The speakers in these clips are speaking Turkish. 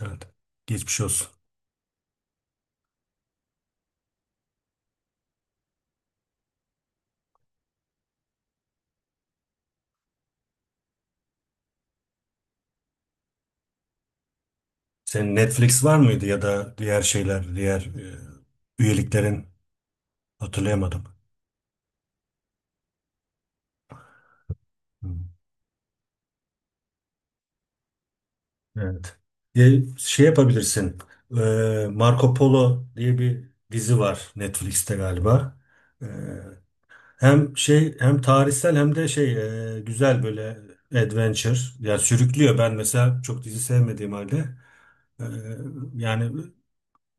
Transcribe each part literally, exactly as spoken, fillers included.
Evet. Geçmiş olsun. Senin Netflix var mıydı ya da diğer şeyler, diğer e, üyeliklerin hatırlayamadım. Hı. Evet. E, şey yapabilirsin. E, Marco Polo diye bir dizi var Netflix'te galiba. E, hem şey hem tarihsel hem de şey e, güzel böyle adventure. Yani sürüklüyor. Ben mesela çok dizi sevmediğim halde. e, yani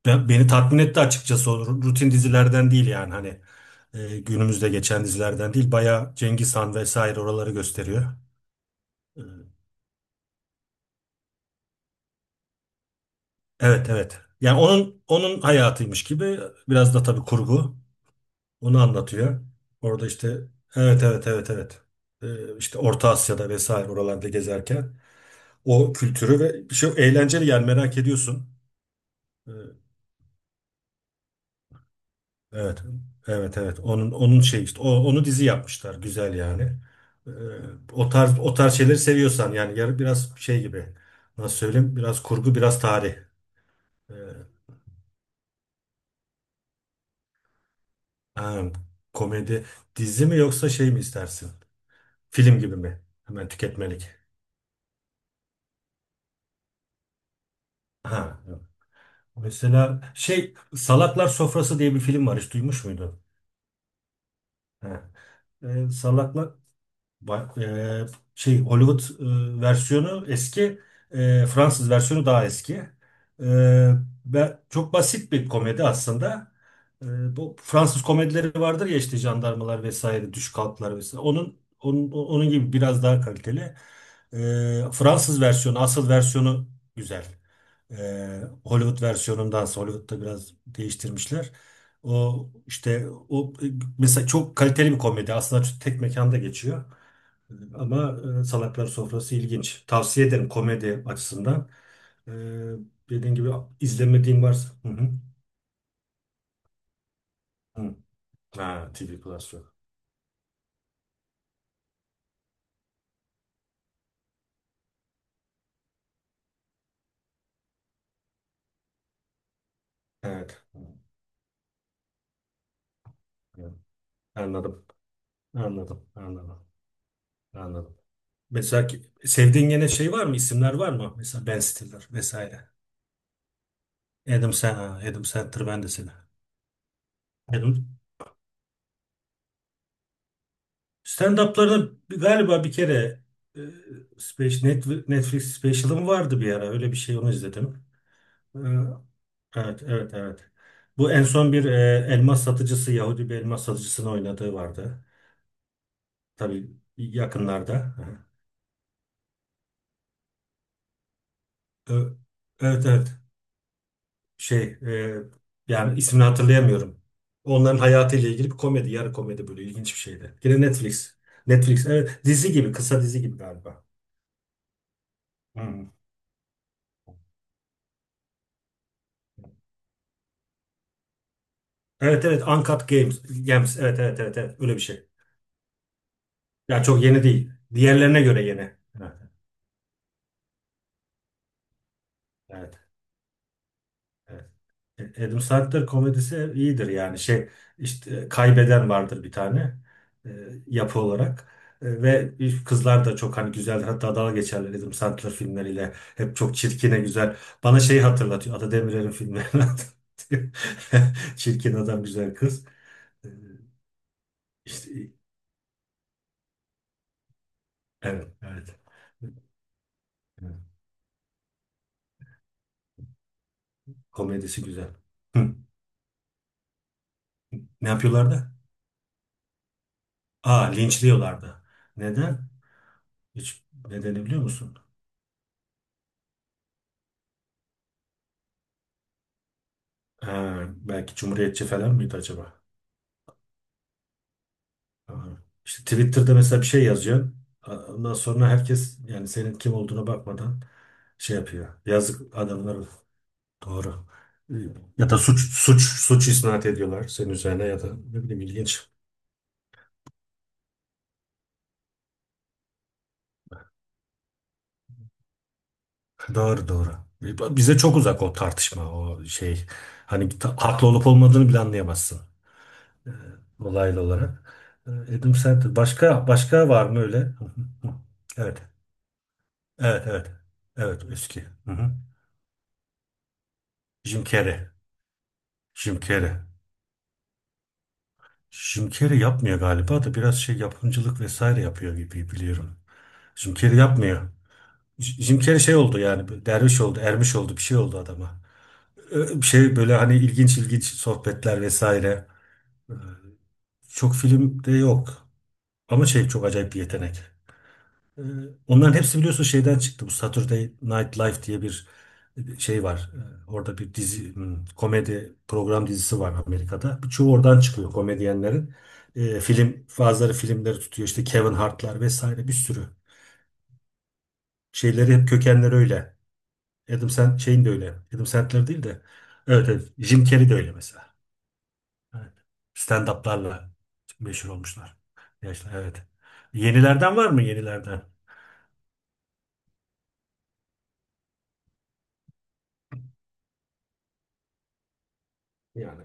Ben- beni tatmin etti açıkçası o rutin dizilerden değil yani hani e, günümüzde geçen dizilerden değil bayağı Cengiz Han vesaire oraları gösteriyor. E, evet evet. Yani onun onun hayatıymış gibi biraz da tabii kurgu onu anlatıyor. Orada işte evet evet evet evet. E, işte Orta Asya'da vesaire oralarda gezerken o kültürü ve bir şey eğlenceli yani merak ediyorsun. E, Evet, evet, evet. Onun onun şey işte, o, onu dizi yapmışlar, güzel yani. Ee, o tarz o tarz şeyleri seviyorsan yani yarı biraz şey gibi. Nasıl söyleyeyim? Biraz kurgu, biraz tarih. Ee, ha, komedi dizi mi yoksa şey mi istersin? Film gibi mi? Hemen tüketmelik. Ha. Evet. Mesela şey Salaklar Sofrası diye bir film var. Hiç duymuş muydun? Ha. Ee, Salaklar Ba- e, şey Hollywood e, versiyonu eski, e, Fransız versiyonu daha eski. E, ve çok basit bir komedi aslında. E, bu Fransız komedileri vardır ya işte jandarmalar vesaire, düş kalklar vesaire. Onun onun, onun gibi biraz daha kaliteli. E, Fransız versiyonu, asıl versiyonu güzel. E, Hollywood versiyonundansa Hollywood'da biraz değiştirmişler. O işte o e, mesela çok kaliteli bir komedi. Aslında tek mekanda geçiyor. Ama e, Salaklar Sofrası ilginç. Tavsiye ederim komedi açısından. E, dediğin gibi izlemediğin varsa. Hı hı. Hı. Ha, T V Plus yok. Evet. Hı, hı. Anladım. Anladım. Anladım. Anladım. Mesela ki- sevdiğin gene şey var mı? İsimler var mı? Mesela Ben Stiller vesaire. Adam, Sen ha, Adam Sandler ben de seni. Adam stand-up'larını bir- galiba bir kere e, Space- Netflix Netflix special'ım vardı bir ara. Öyle bir şey onu izledim. E, Evet, evet, evet. Bu en son bir e, elmas satıcısı, Yahudi bir elmas satıcısını oynadığı vardı. Tabii yakınlarda. Aha. Ö- Evet, evet. Şey, e, yani ismini hatırlayamıyorum. Onların hayatıyla ilgili bir komedi, yarı komedi böyle ilginç bir şeydi. Yine Netflix. Netflix, evet. Dizi gibi, kısa dizi gibi galiba. Hmm. Evet, evet. Uncut Games. Games. Evet, evet, evet, evet. Öyle bir şey. Yani çok yeni değil. Diğerlerine göre yeni. Evet, evet. Evet. Adam Sandler komedisi iyidir yani şey işte kaybeden vardır bir tane e, yapı olarak. E, ve kızlar da çok hani güzeldir, hatta dalga geçerler Adam Sandler filmleriyle, hep çok çirkine güzel. Bana şeyi hatırlatıyor, Ata Demirer'in filmlerini hatırlatıyor. Çirkin adam güzel kız. E, işte evet evet komedisi güzel. Hı. Ne yapıyorlardı? Aa linçliyorlardı neden? Hiç nedeni biliyor musun? Ha, belki Cumhuriyetçi falan mıydı acaba? Ha. İşte Twitter'da mesela bir şey yazıyorsun. A- Ondan sonra herkes yani senin kim olduğuna bakmadan şey yapıyor. Yazık adamlar doğru. Ya da suç suç suç isnat ediyorlar senin üzerine ya da ne bileyim ilginç. Doğru doğru. Bize çok uzak o tartışma o şey. Hani ta- haklı olup olmadığını bile anlayamazsın. e, olaylı olarak. E, Adam Sandler. Başka başka var mı öyle? Evet. Evet evet. Evet eski. Hı hı. Jim Carrey. Jim Carrey. Jim Carrey yapmıyor galiba da biraz şey yapımcılık vesaire yapıyor gibi biliyorum. Jim Carrey yapmıyor. J- Jim Carrey şey oldu yani bir derviş oldu, ermiş oldu bir şey oldu adama. Ö- Bir şey böyle hani ilginç ilginç sohbetler vesaire. Ee, Çok filmde yok. Ama şey çok acayip bir yetenek. Ee, Onların hepsi biliyorsun şeyden çıktı. Bu Saturday Night Live diye bir şey var. Ee, Orada bir dizi, hmm, komedi program dizisi var Amerika'da. Birçoğu oradan çıkıyor komedyenlerin. Ee, film, bazıları filmleri tutuyor. İşte Kevin Hart'lar vesaire bir sürü. Şeyleri hep kökenleri öyle. Adam sen şeyin de öyle. Adam Sandler değil de. Evet, evet. Jim Carrey de öyle mesela. Evet. Stand-up'larla meşhur olmuşlar. Yaşlı, evet. Yenilerden var mı yenilerden? Yani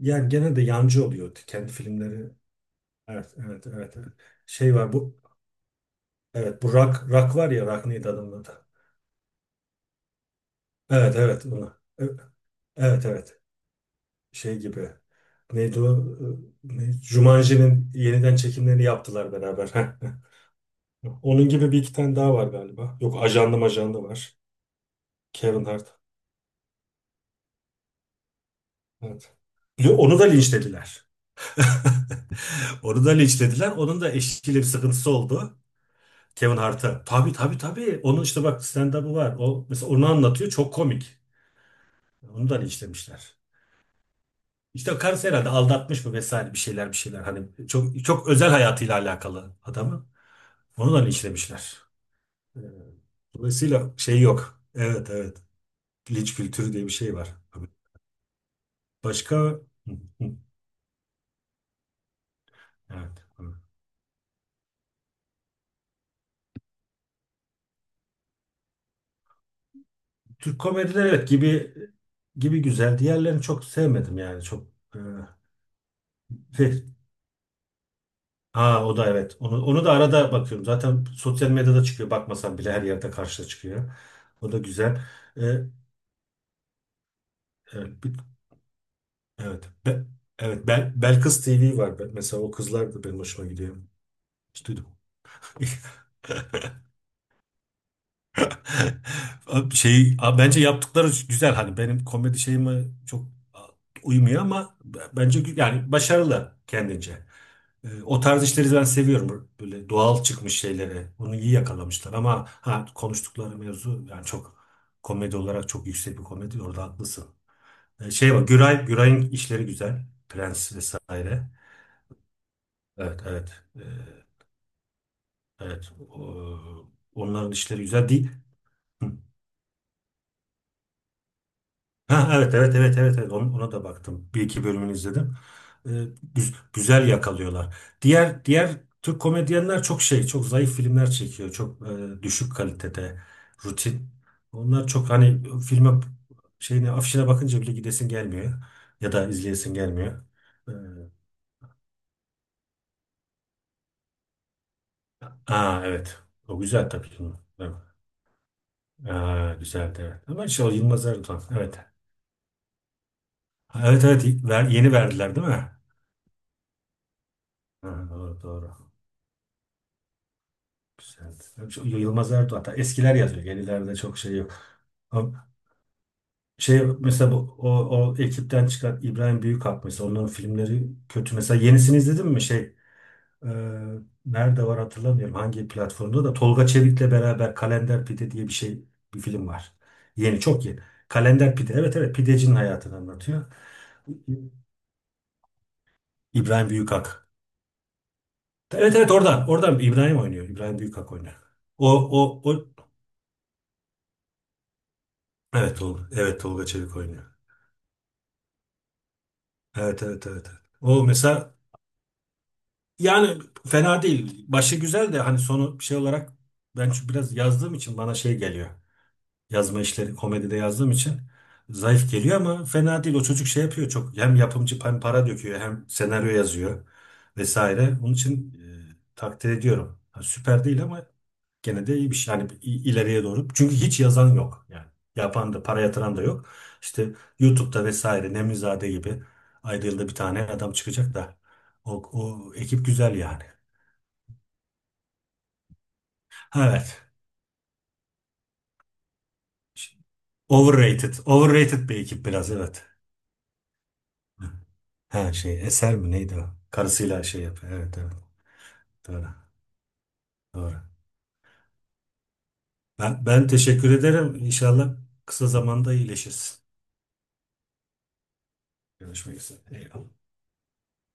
Yani gene de yancı oluyor kendi filmleri. Evet, evet, evet, evet. Şey var bu. Evet, bu rak rak var ya rak neydi adamın adı? Evet, evet, onu. Evet, evet. Evet. Şey gibi. Neydi o? Ee, ne? Jumanji'nin yeniden çekimlerini yaptılar beraber. Onun gibi bir iki tane daha var galiba. Yok, ajanda majanda var. Kevin Hart. Evet. Yo, onu da linçlediler. Onu da linçlediler. Onun da eşiyle bir sıkıntısı oldu. Kevin Hart'a. Tabii tabii tabii. Onun işte bak stand-up'ı var. O mesela onu anlatıyor. Çok komik. Onu da işlemişler. İşte karısı herhalde aldatmış mı vesaire bir şeyler bir şeyler. Hani çok çok özel hayatıyla alakalı adamı. Onu da işlemişler. Ee, Dolayısıyla şey yok. Evet evet. Linç kültürü diye bir şey var. Başka. Hı, hı. Evet. Evet. Türk komedileri evet gibi gibi güzel. Diğerlerini çok sevmedim yani. Çok. e, Ha o da evet. Onu, onu da arada bakıyorum. Zaten sosyal medyada çıkıyor. Bakmasam bile her yerde karşıda çıkıyor. O da güzel. Ee, evet. bir- evet. Be- evet. Bel, Belkıs T V var. Ben- Mesela o kızlar da benim hoşuma gidiyor. Hiç duydum. Abi Şey, abi bence yaptıkları güzel hani benim komedi şeyime çok uymuyor ama b- bence gü- yani başarılı kendince. Ee, O tarz işleri ben seviyorum. Böyle doğal çıkmış şeyleri. Bunu iyi yakalamışlar ama ha konuştukları mevzu yani çok komedi olarak çok yüksek bir komedi. Orada haklısın. Ee, Şey var Güray, Güray'ın işleri güzel. Prens vesaire. Evet evet. Ee, Evet. O- Onların işleri güzel değil. Ha, evet evet evet evet evet Onu- ona, da baktım. Bir iki bölümünü izledim. Ee, güz- güzel yakalıyorlar. Diğer diğer Türk komedyenler çok şey, çok zayıf filmler çekiyor. Çok e, düşük kalitede, rutin. Onlar çok hani filme şeyine afişine bakınca bile gidesin gelmiyor ya da izleyesin gelmiyor. Ee, aa evet. O güzel tabii ki. Evet. Aa, güzeldi evet. Ama işte o Yılmaz Erdoğan. Evet. Ha, evet evet ver, yeni verdiler değil mi? Ha, doğru doğru. Güzeldi. Çok- Yılmaz Erdoğan. Hatta eskiler yazıyor. Yenilerde çok şey yok. Ama şey mesela bu- o, o ekipten çıkan İbrahim Büyükak mesela onların filmleri kötü. Mesela yenisini izledin mi? Şey e, nerede var hatırlamıyorum. Hangi platformda da Tolga Çevik'le beraber Kalender Pide diye bir şey bir film var. Yeni çok yeni. Kalender Pide. Evet evet pidecinin hayatını anlatıyor. İbrahim Büyükak. Evet evet oradan. Oradan İbrahim oynuyor. İbrahim Büyükak oynuyor. O o o evet Tolga, evet Tolga Çevik oynuyor. Evet evet evet. Evet. O mesela yani fena değil. Başı güzel de hani sonu şey olarak ben çünkü biraz yazdığım için bana şey geliyor. Yazma işleri komedide yazdığım için zayıf geliyor ama fena değil. O çocuk şey yapıyor çok. Hem yapımcı hem para döküyor hem senaryo yazıyor vesaire. Onun için e, takdir ediyorum. Ha, süper değil ama gene de iyi bir şey. Yani i- ileriye doğru. Çünkü hiç yazan yok. Yani yapan da para yatıran da yok. İşte YouTube'da vesaire Nemizade gibi ayda yılda bir tane adam çıkacak da o, o ekip güzel yani. Ha, evet. Overrated. Overrated bir ekip biraz evet. Ha şey Eser mi neydi o? Karısıyla şey yapıyor. Evet evet. Doğru. Doğru. Ben, ben teşekkür ederim. İnşallah kısa zamanda iyileşirsin. Görüşmek üzere. Eyvallah.